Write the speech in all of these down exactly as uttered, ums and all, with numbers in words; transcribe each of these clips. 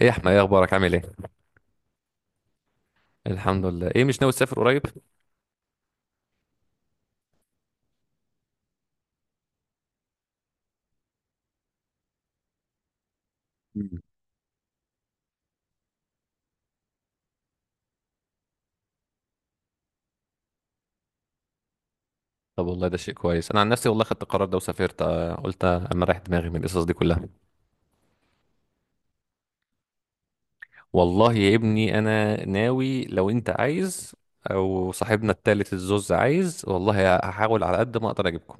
ايه يا احمد، ايه اخبارك؟ عامل ايه؟ الحمد لله. ايه مش ناوي تسافر قريب؟ طب والله ده شيء كويس. انا عن نفسي والله خدت القرار ده وسافرت. آه، قلت اما رايح دماغي من القصص دي كلها. والله يا ابني انا ناوي. لو انت عايز او صاحبنا التالت الزوز عايز، والله هحاول على قد ما اقدر اجيبكم.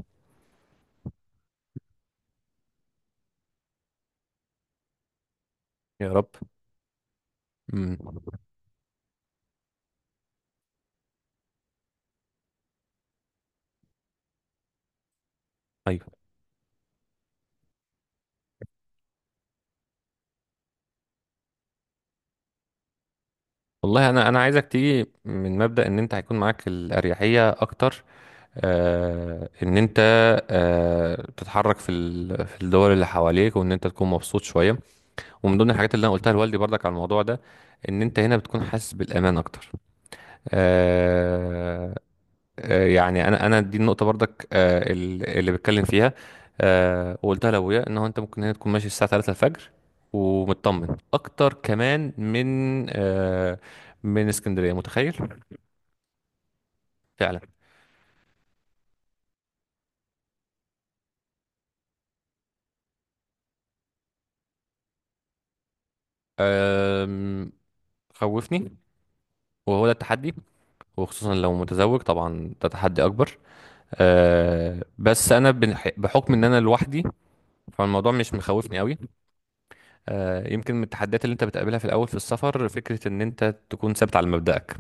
يا رب. امم. ايوه، والله انا انا عايزك تيجي من مبدأ ان انت هيكون معاك الاريحيه اكتر. آه ان انت آه تتحرك في ال- في الدول اللي حواليك، وان انت تكون مبسوط شويه. ومن ضمن الحاجات اللي انا قلتها لوالدي برضك على الموضوع ده، ان انت هنا بتكون حاسس بالامان اكتر. آه آه، يعني انا انا دي النقطه برضك، آه ال- اللي بتكلم فيها. آه وقلتها لابويا ان هو انت ممكن هنا تكون ماشي الساعه تلاتة الفجر، ومطمن اكتر كمان من آه من اسكندريه، متخيل؟ فعلا. آم، خوفني، وهو ده التحدي. وخصوصا لو متزوج طبعا ده تحدي اكبر. آه بس انا بنح- بحكم ان انا لوحدي، فالموضوع مش مخوفني قوي. آه، يمكن من التحديات اللي انت بتقابلها في الاول في السفر، فكره ان انت تكون ثابت على مبدأك.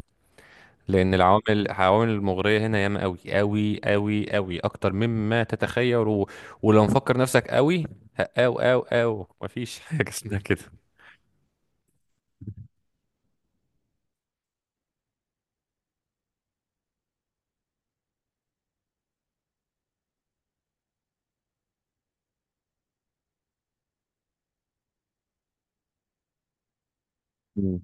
لان العوامل العوامل المغريه هنا ياما قوي قوي قوي قوي اكتر مما تتخيل و... ولو مفكر نفسك قوي، ه- او او او مفيش حاجه اسمها كده. مم.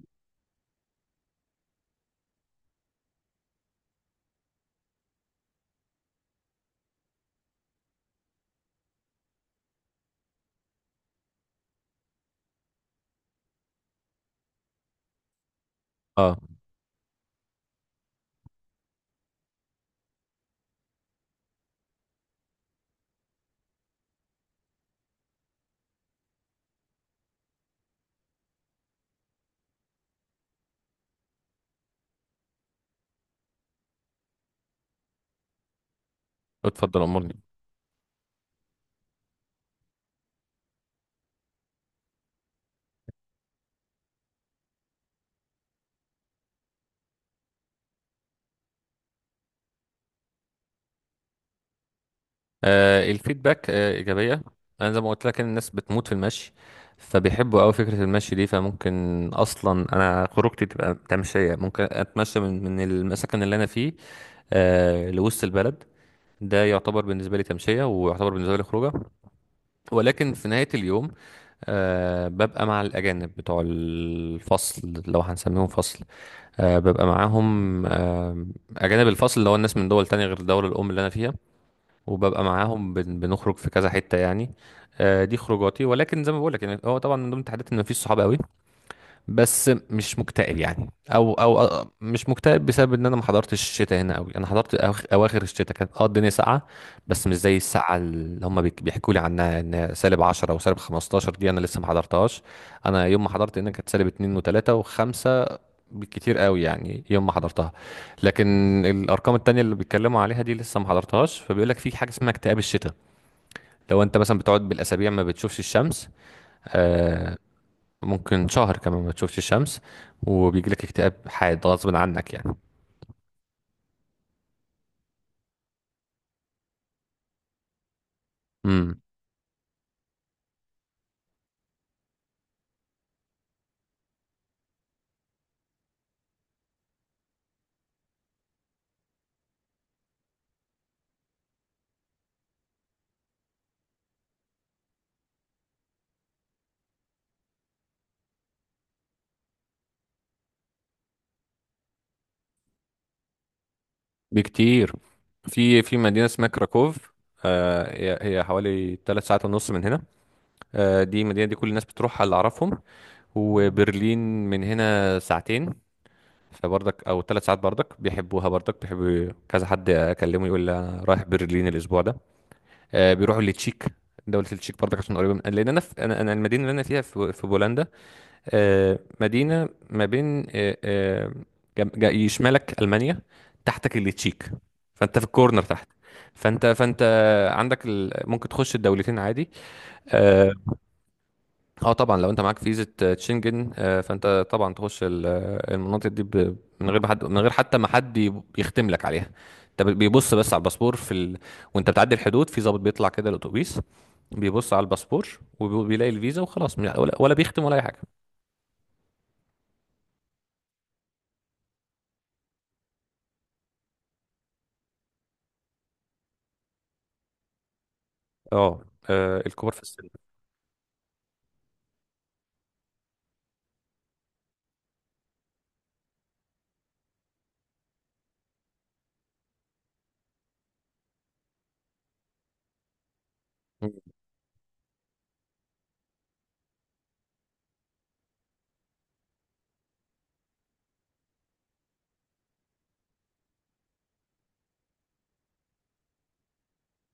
اه. اتفضل امرني. آه، الفيدباك آه، إيجابية. أنا زي ما قلت لك إن الناس بتموت في المشي. فبيحبوا أوي فكرة المشي دي، فممكن أصلا أنا خروجتي تبقى تمشية، ممكن أتمشى من من المسكن اللي أنا فيه آه، لوسط البلد. ده يعتبر بالنسبة لي تمشية ويعتبر بالنسبة لي خروجة. ولكن في نهاية اليوم، آه ببقى مع الأجانب بتوع الفصل لو هنسميهم فصل. آه ببقى معاهم آه أجانب الفصل اللي هو الناس من دول تانية غير الدولة الأم اللي أنا فيها. وببقى معاهم، بن- بنخرج في كذا حتة يعني. آه، دي خروجاتي. ولكن زي ما بقول لك يعني هو طبعا من ضمن التحديات ان مفيش صحاب قوي. بس مش مكتئب يعني، او او أو- مش مكتئب بسبب ان انا ما حضرتش الشتاء هنا قوي. انا حضرت أواخ- اواخر الشتاء، كانت اه الدنيا ساقعه. بس مش زي الساعه اللي هم بيحكوا لي عنها، ان سالب عشرة او سالب خمستاشر دي انا لسه ما حضرتهاش. انا يوم ما حضرت انها كانت سالب اتنين و3 و5 بالكتير قوي، يعني يوم ما حضرتها. لكن الارقام التانية اللي بيتكلموا عليها دي لسه ما حضرتهاش. فبيقول لك في حاجه اسمها اكتئاب الشتاء. لو انت مثلا بتقعد بالاسابيع ما بتشوفش الشمس آه، ممكن شهر كمان ما تشوفش الشمس، وبيجي لك اكتئاب حاد غصب عنك يعني. امم. بكتير. في في مدينه اسمها كراكوف. آه هي هي حوالي ثلاث ساعات ونص من هنا. آه دي المدينه دي كل الناس بتروحها اللي اعرفهم. وبرلين من هنا ساعتين، فبرضك او ثلاث ساعات، برضك بيحبوها، برضك بيحبوا. كذا حد اكلمه يقول لي انا رايح برلين الاسبوع ده. آه بيروحوا لتشيك. دولة التشيك برضك عشان قريبة. من لأن أنا في أنا أنا المدينة اللي أنا فيها في في بولندا. آه، مدينة ما بين، آه، آه، جم- جا- يشمالك ألمانيا، تحتك اللي تشيك. فأنت في الكورنر تحت. فأنت فأنت عندك ال... ممكن تخش الدولتين عادي. اه. آه طبعا لو انت معاك فيزا آه، شنجن، آه، فانت طبعا تخش ال- آه، المناطق دي، ب... من غير ما حد من غير حتى ما حد يب- يختم لك عليها. انت ب- بيبص بس على الباسبور في ال... وانت بتعدي الحدود، في ضابط بيطلع كده الاتوبيس، بيبص على الباسبور، وبيلاقي الفيزا وخلاص، ولا ولا بيختم ولا اي حاجه. اه. آه، الكبار في السن. مم.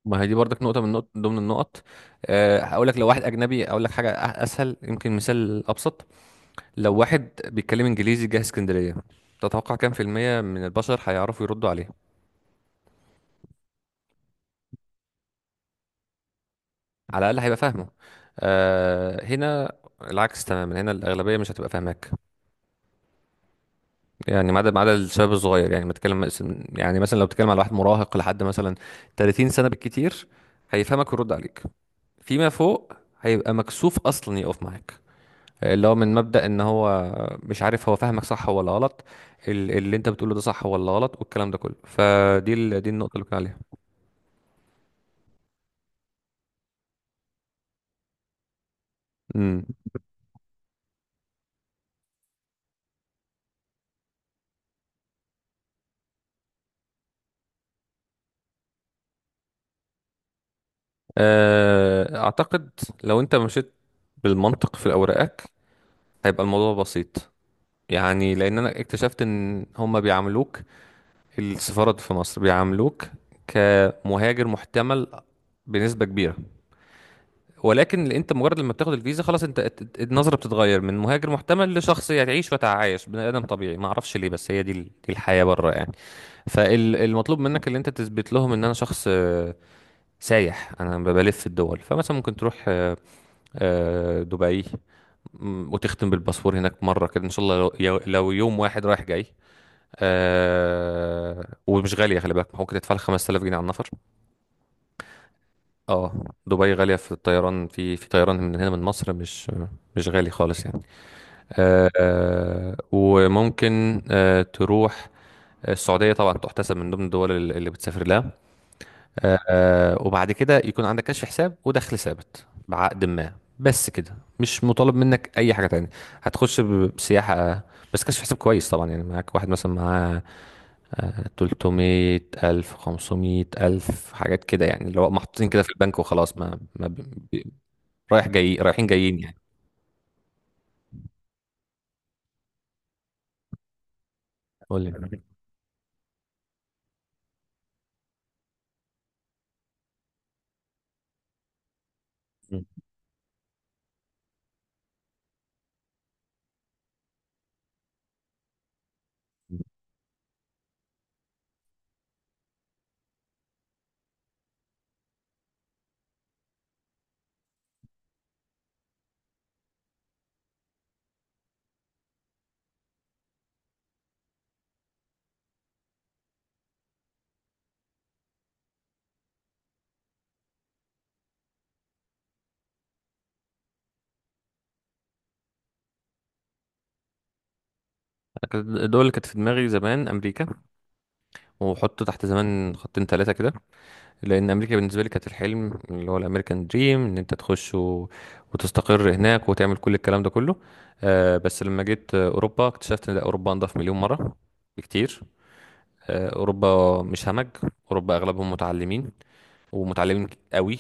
ما هي دي برضك نقطة من نقط ضمن النقط. آه، هقول لك. لو واحد أجنبي أقول لك حاجة أ- أسهل، يمكن مثال أبسط. لو واحد بيتكلم إنجليزي جه اسكندرية، تتوقع كام في المية من البشر هيعرفوا يردوا عليه؟ على الأقل هيبقى فاهمه. آه، هنا العكس تماما. هنا الأغلبية مش هتبقى فاهماك. يعني ما عدا ما عدا الشباب الصغير، يعني ما تتكلم مس- يعني مثلا لو بتتكلم على واحد مراهق لحد مثلا تلاتين سنة بالكتير، هيفهمك ويرد عليك. فيما فوق، هيبقى مكسوف أصلا يقف معاك، اللي هو من مبدأ ان هو مش عارف هو فاهمك صح ولا غلط، ال- اللي انت بتقوله ده صح ولا غلط، والكلام ده كله، فدي ال- دي النقطة اللي كنا عليها. امم. آه، اعتقد لو انت مشيت بالمنطق في اوراقك، هيبقى الموضوع بسيط. يعني لان انا اكتشفت ان هم بيعاملوك، السفارات في مصر بيعاملوك كمهاجر محتمل بنسبة كبيرة. ولكن انت مجرد لما بتاخد الفيزا خلاص، انت ات- ات- النظره بتتغير من مهاجر محتمل لشخص هتعيش وتعايش بني ادم طبيعي. ما اعرفش ليه، بس هي دي ال- دي الحياه بره يعني. فالمطلوب منك اللي انت تثبت لهم ان انا شخص آه، سايح، انا ب- بلف في الدول. فمثلا ممكن تروح آه، آه، دبي، م، وتختم بالباسبور هناك مره كده ان شاء الله، لو يو- لو يوم واحد رايح جاي. آه ومش غاليه، خلي بالك ممكن تدفع لك خمسة آلاف جنيه على النفر. اه. دبي غاليه في الطيران، في في طيران من هنا من مصر، مش مش غالي خالص يعني. آه، آه، وممكن آه، تروح آه، السعودية طبعا، تحتسب من ضمن الدول اللي اللي بتسافر لها. آه، آه، وبعد كده يكون عندك كشف حساب ودخل ثابت بعقد ما، بس كده مش مطالب منك أي حاجة تانية. هتخش ب- بسياحة، بس كشف حساب كويس طبعا، يعني معاك واحد مثلا معاه آه، تلتمية ألف خمسمية ألف حاجات كده، يعني اللي هو محطوطين كده في البنك وخلاص ما, ما ب... ب- رايح جاي، رايحين جايين يعني. قول لي. كانت- الدول اللي كانت في دماغي زمان امريكا، وحط تحت زمان خطين ثلاثه كده. لان امريكا بالنسبه لي كانت الحلم، اللي هو الامريكان دريم، ان انت تخش و... وتستقر هناك وتعمل كل الكلام ده كله. آه بس لما جيت آه، اوروبا، اكتشفت ان لا، اوروبا انضف مليون مره بكتير. آه اوروبا مش همج. اوروبا اغلبهم متعلمين، ومتعلمين قوي.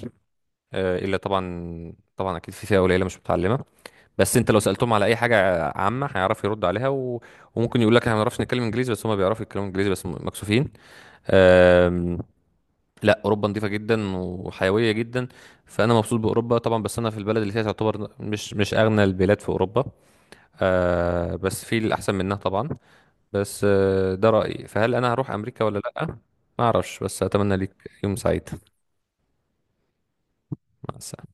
آه الا طبعا، طبعا اكيد في فئه قليله مش متعلمه. بس انت لو سالتهم على اي حاجه عامه، هيعرف يرد عليها و... وممكن يقول لك احنا ما بنعرفش نتكلم انجليزي، بس هم بيعرفوا يتكلموا انجليزي، بس م- مكسوفين. أم... لا، اوروبا نظيفه جدا وحيويه جدا. فانا مبسوط باوروبا طبعا، بس انا في البلد اللي فيها تعتبر مش مش اغنى البلاد في اوروبا. أه... بس في الاحسن منها طبعا. بس أه... ده رايي. فهل انا هروح امريكا ولا لا؟ ما اعرفش. بس اتمنى ليك يوم سعيد. مع السلامه.